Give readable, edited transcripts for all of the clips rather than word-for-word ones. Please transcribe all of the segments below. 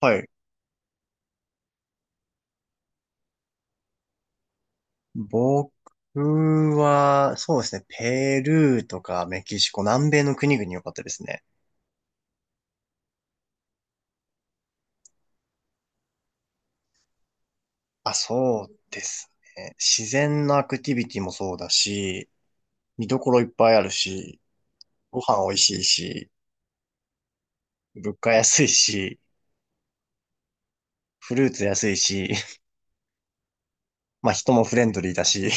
はい。僕は、そうですね、ペルーとかメキシコ、南米の国々良かったですね。あ、そうですね。自然のアクティビティもそうだし、見どころいっぱいあるし、ご飯美味しいし、物価安いし、フルーツ安いし、まあ人もフレンドリーだし。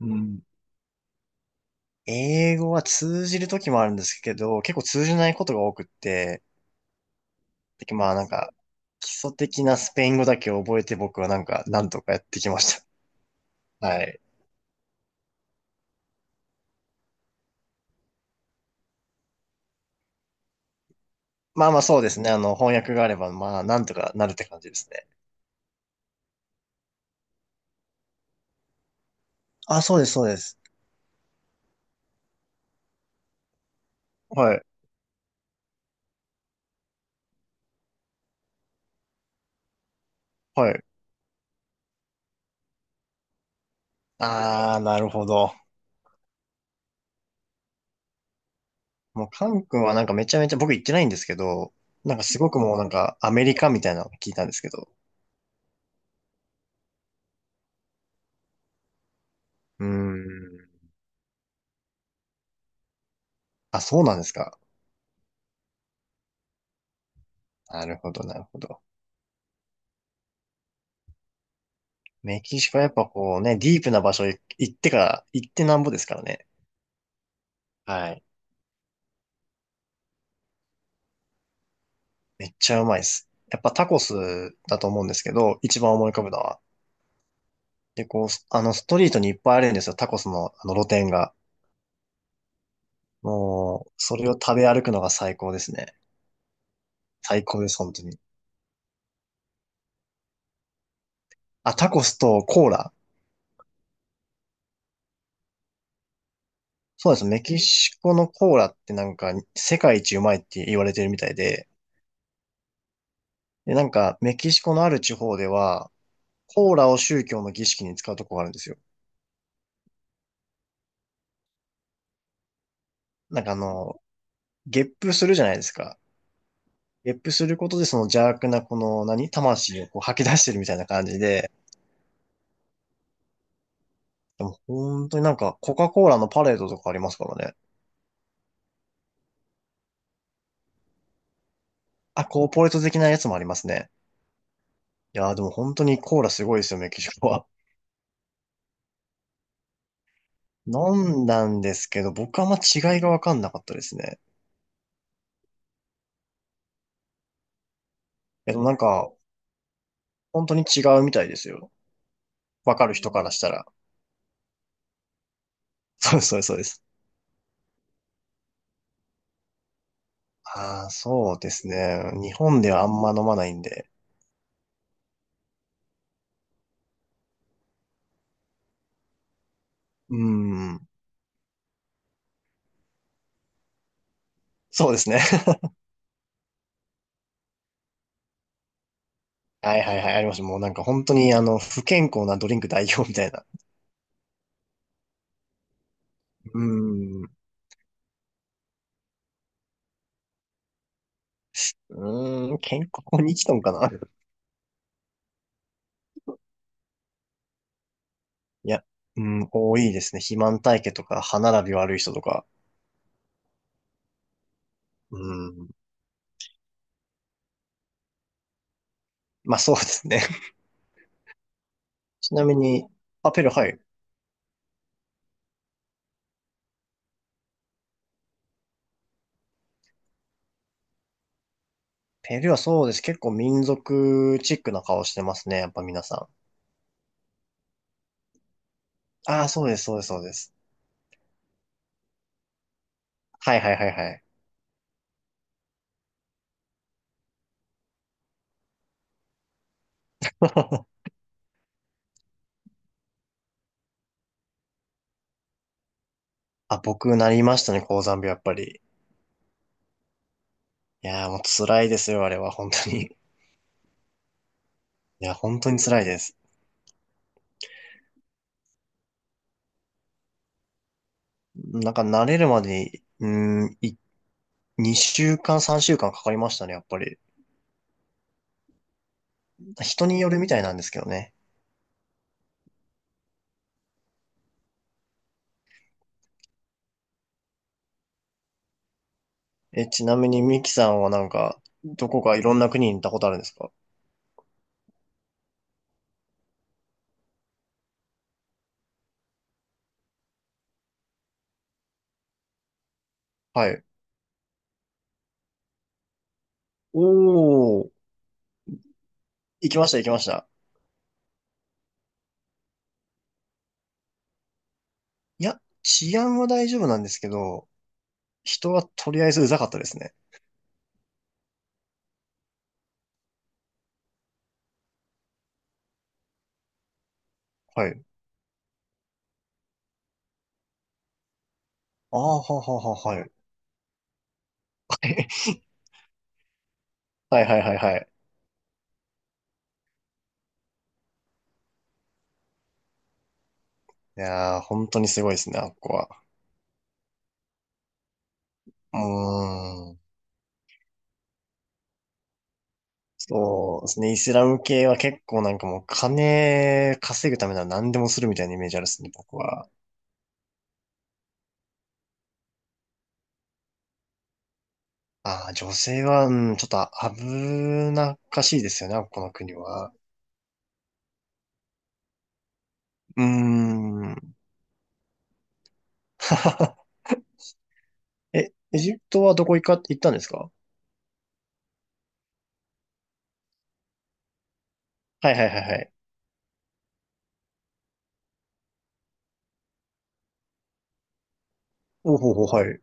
うん。英語は通じる時もあるんですけど、結構通じないことが多くって、でまあなんか、基礎的なスペイン語だけ覚えて僕はなんか、なんとかやってきました。はい。まあまあそうですね。あの、翻訳があれば、まあ、なんとかなるって感じですね。あ、そうです、そうです。はい、はい。ああ、なるほど。もう、カン君はなんかめちゃめちゃ、僕行ってないんですけど、なんかすごくもうなんかアメリカみたいなのを聞いたんですけど。うーん。あ、そうなんですか。なるほど、なるほど。メキシコはやっぱこうね、ディープな場所へ行ってから、行ってなんぼですからね。はい。めっちゃうまいです。やっぱタコスだと思うんですけど、一番思い浮かぶのは。で、こう、あの、ストリートにいっぱいあるんですよ。タコスの、あの、露店が。もう、それを食べ歩くのが最高ですね。最高です、本当に。あ、タコスとコーラ。そうです。メキシコのコーラってなんか、世界一うまいって言われてるみたいで、で、なんか、メキシコのある地方では、コーラを宗教の儀式に使うとこがあるんですよ。なんかあの、ゲップするじゃないですか。ゲップすることでその邪悪なこの何、魂をこう吐き出してるみたいな感じで、でも本当になんかコカ・コーラのパレードとかありますからね。あ、コーポレート的なやつもありますね。いやーでも本当にコーラすごいですよ、メキシコは。飲んだんですけど、僕はあんま違いがわかんなかったですね。いやでもなんか、本当に違うみたいですよ。わかる人からしたら。そうそうそうです。ああ、そうですね。日本ではあんま飲まないんで。うーん。そうですね。はいはいはい、ありました。もうなんか本当にあの、不健康なドリンク代表みたいな。うーん。うーん、健康に生きとんかな。いや、うん、多いですね。肥満体型とか、歯並び悪い人とか。うん。まあそうですね。ちなみに、あ、ペルー、はい。ペルーはそうです。結構民族チックな顔してますね。やっぱ皆さん。ああ、そうです、そうです、そうです。はいはいはいはい。あ、僕なりましたね、高山病、やっぱり。いやーもう辛いですよ、あれは、本当に。いや、本当に辛いです。なんか慣れるまでに、うん、2週間、3週間かかりましたね、やっぱり。人によるみたいなんですけどね。え、ちなみにミキさんはなんか、どこかいろんな国に行ったことあるんですか？はい。おー、行きました、行きました。いや、治安は大丈夫なんですけど、人はとりあえずうざかったですね。はい。ああ、はははは、はい。はい、はい、はい、はい。いやー、本当にすごいですね、あっこは。うーん。そうですね、イスラム系は結構なんかもう金稼ぐためなら何でもするみたいなイメージあるですね、僕は。ああ、女性は、うん、ちょっと危なっかしいですよね、この国は。うーん。え、エジプトはどこ行ったんですか？はいはいはいはい。おほほ、はい。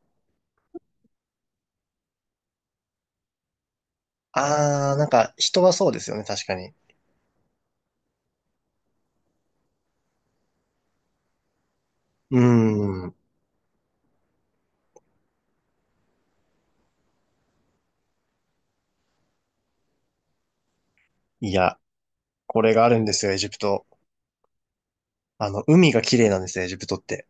あー、なんか人はそうですよね、確かに。うーん。いや、これがあるんですよ、エジプト。あの、海が綺麗なんですよ、エジプトって。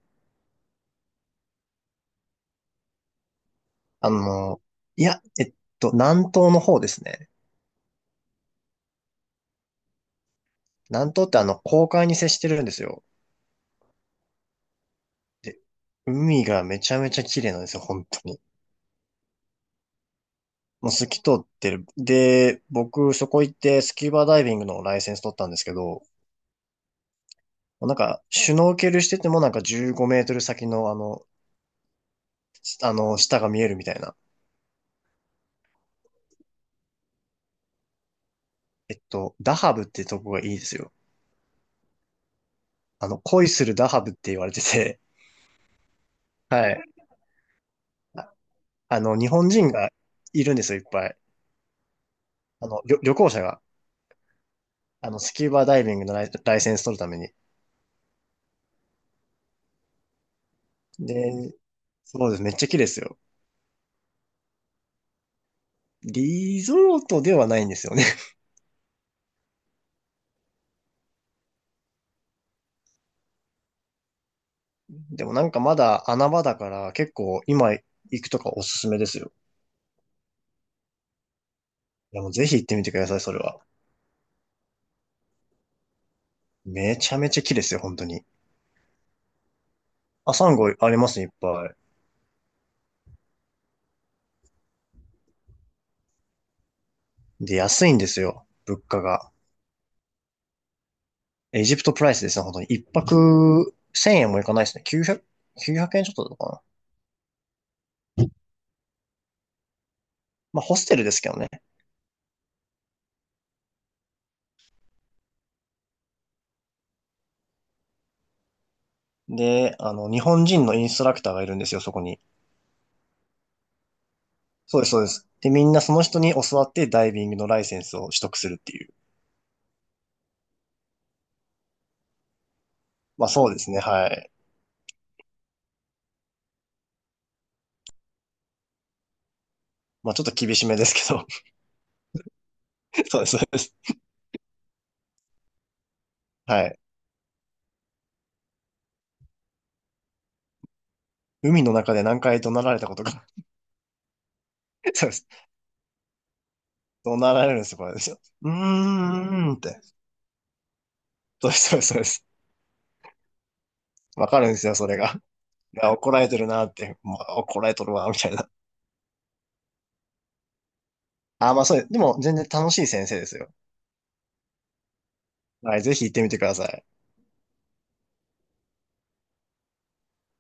あの、いや、南東の方ですね。南東ってあの、公海に接してるんですよ。で、海がめちゃめちゃ綺麗なんですよ、本当に。もう透き通ってる。で、僕、そこ行ってスキューバダイビングのライセンス取ったんですけど、なんか、シュノーケルしててもなんか15メートル先のあの、下が見えるみたいな。ダハブってとこがいいですよ。あの、恋するダハブって言われてて、はい。ああの、日本人がいるんですよ、いっぱい。あの、旅行者が。あの、スキューバダイビングのライセンス取るために。で、そうです。めっちゃ綺麗ですよ。リゾートではないんですよね。でもなんかまだ穴場だから結構今行くとかおすすめですよ。いやもうぜひ行ってみてください、それは。めちゃめちゃ綺麗ですよ、本当に。あ、サンゴありますね、いっぱい。で、安いんですよ、物価が。エジプトプライスですね、本当に。一泊1000円もいかないですね。900、9円ちょっとだったかな。まあ、ホステルですけどね。で、あの、日本人のインストラクターがいるんですよ、そこに。そうです、そうです。で、みんなその人に教わってダイビングのライセンスを取得するっていう。まあ、そうですね、はい。まあ、ちょっと厳しめですけど。そうです、そうです。はい。海の中で何回怒鳴られたことか。そうです。怒鳴られるんですよ、これですよ。うーんって。そうです、そうです、そうです。わかるんですよ、それが。あ怒られてるなって、まあ、怒られとるわ、みたいな。あ、まあそうです。でも、全然楽しい先生ですよ。はい、ぜひ行ってみてください。